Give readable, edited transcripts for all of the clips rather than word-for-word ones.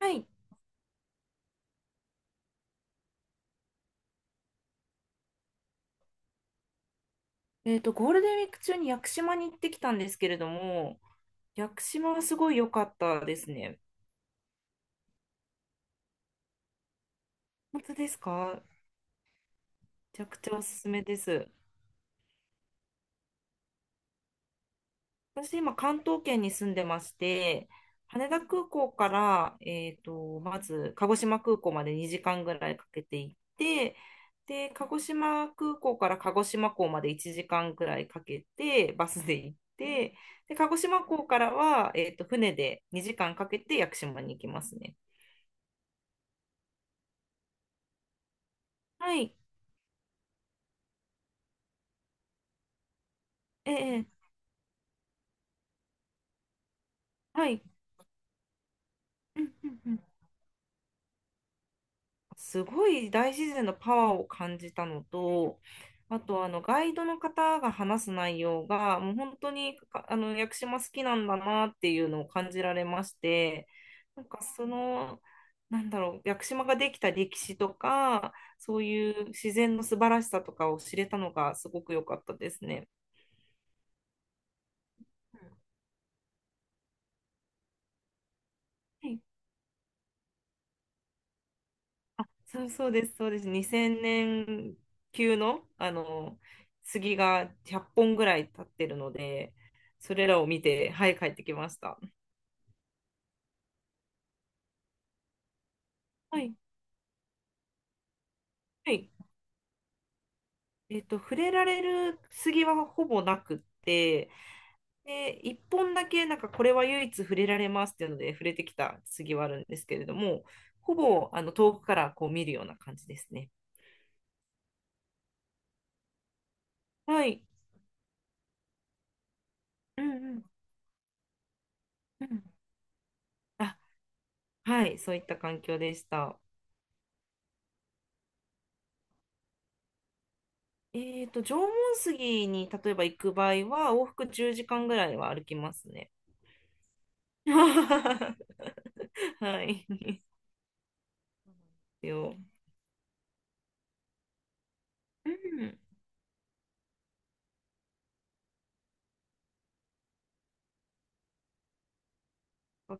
はい。ゴールデンウィーク中に屋久島に行ってきたんですけれども、屋久島はすごい良かったですね。本当ですか？めちゃくちゃおすすめです。私、今、関東圏に住んでまして、羽田空港から、まず、鹿児島空港まで2時間ぐらいかけて行って、で、鹿児島空港から鹿児島港まで1時間ぐらいかけて、バスで行って、で、鹿児島港からは、船で2時間かけて屋久島に行きますね。はい。ええ、はい。うんうんうん。すごい大自然のパワーを感じたのと、あとあのガイドの方が話す内容が、もう本当にかあの屋久島好きなんだなっていうのを感じられまして、なんかその、なんだろう、屋久島ができた歴史とか、そういう自然の素晴らしさとかを知れたのがすごく良かったですね。うん。はい。あ、そうそうです、そうです。2000年級の、あの杉が100本ぐらい立ってるので、それらを見て、はい、帰ってきました。はい、はい。触れられる杉はほぼなくって、で、1本だけ、なんかこれは唯一触れられますっていうので、触れてきた杉はあるんですけれども、ほぼあの遠くからこう見るような感じですね。はい。うんうんうん。あ、はい、そういった環境でした。縄文杉に例えば行く場合は、往復10時間ぐらいは歩きますね。はい。ですよ。うん。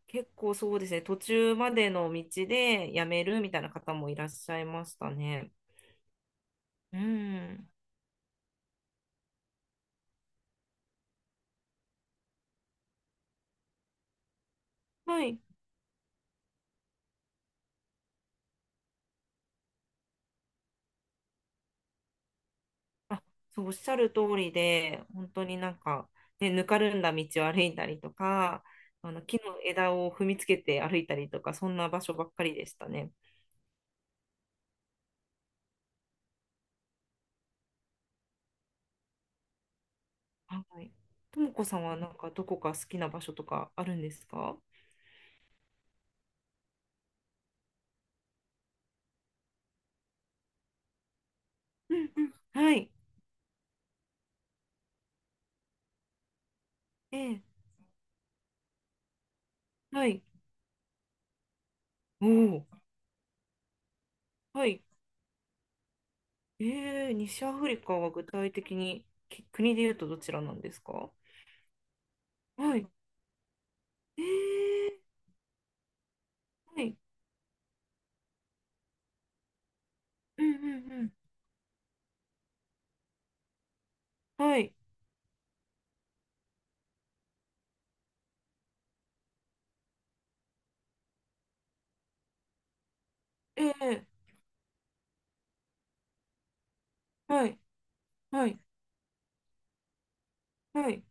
結構そうですね、途中までの道でやめるみたいな方もいらっしゃいましたね。うん。はい。あ、そう、おっしゃる通りで、本当になんか、ね、ぬかるんだ道を歩いたりとか、あの木の枝を踏みつけて歩いたりとか、そんな場所ばっかりでしたね。はい。ともこさんはなんかどこか好きな場所とかあるんですか？うんうん。はい。ええ。はい。おお。はい。ええ、西アフリカは具体的に国で言うとどちらなんですか？はい。ええ。はい。うんうんうん。はい。ええ。はい。はい。はい。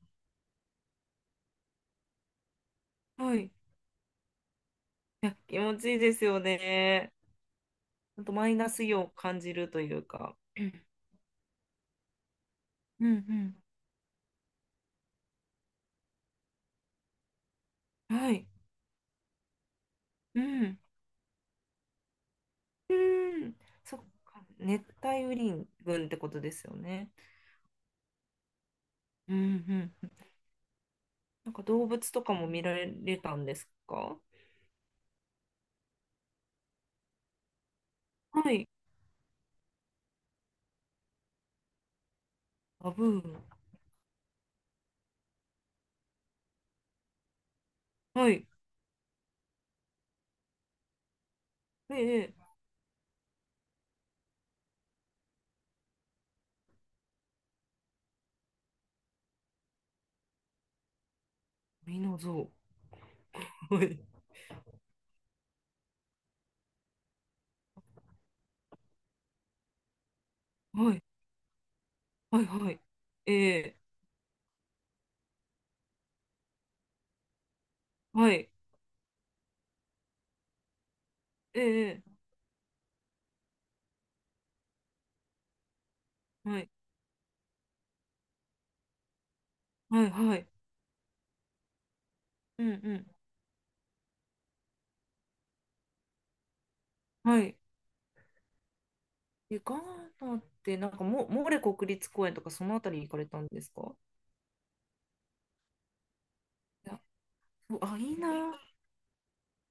はい。いや、気持ちいいですよね。あとマイナスイオンを感じるというか。うんうんうん。はい。うん。うーん、そっか、熱帯雨林群ってことですよね。うんうん。なんか動物とかも見られたんですか？はい。バブーン。はい。ええ。ミノゾウ。はい。はい。はい。はい。ええ。はい。ええ。はい。はい。はい。うんうん。はい。え、ガーナって、なんかモレ国立公園とかそのあたり行かれたんですか？いや、そう、あ、いいな。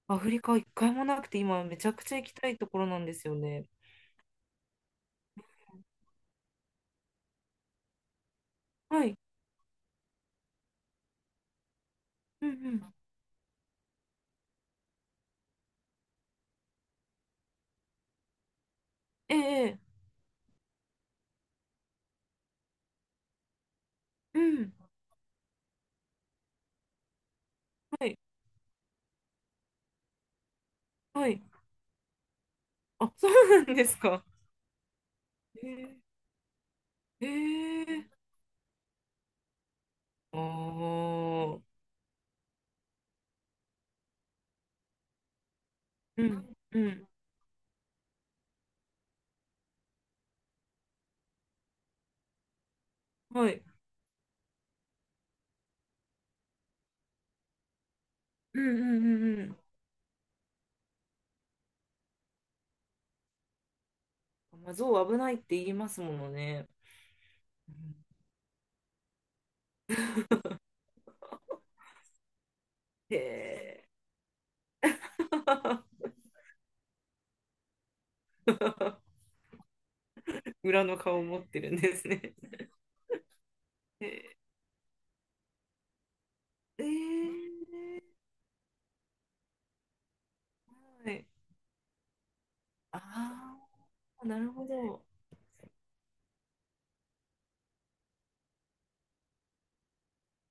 アフリカ一回もなくて、今めちゃくちゃ行きたいところなんですよね。はい。うんうん。ええ、ええ。うん。はい、はい。あ、そうなんですか。ええ、ええ。ああ、うん、うん。はい。うん、うん、うん、うん。まあ、象危ないって言いますものね。うん。へえ。裏の顔を持ってるんですね。へえ、ええ、はい。ああ、なるほど。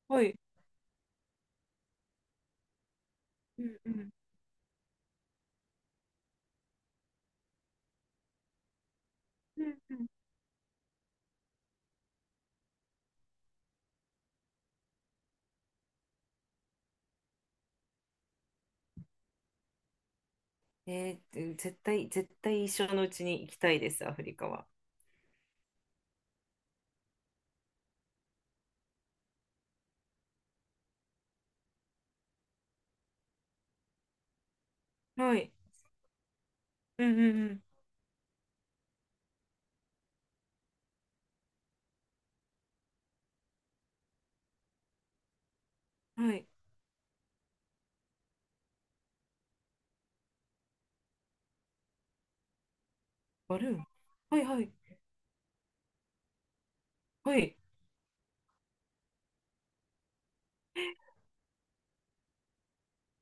はい。うんうん。うんうん。絶対、絶対一生のうちに行きたいです、アフリカは。はい。うんうんうん。はい。バルーン。はいはい。はい。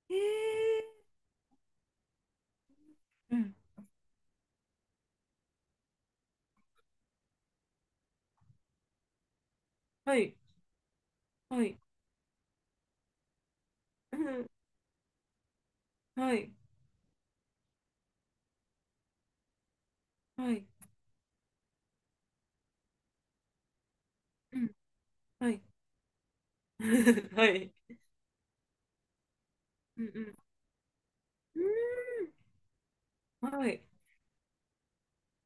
えー。うん。はい。はい。うん。はい。はい。うん。はい。はい。うんうん。はい。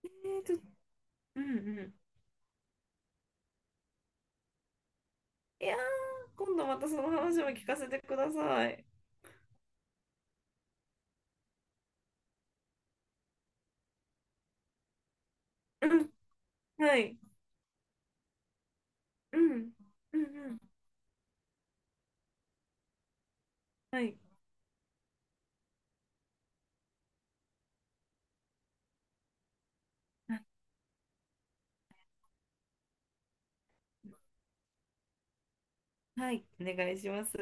ーと、うんうん。いやー、今度またその話も聞かせてください。うん。はい。うん。うんうん。はい。あ、はい。お願いします。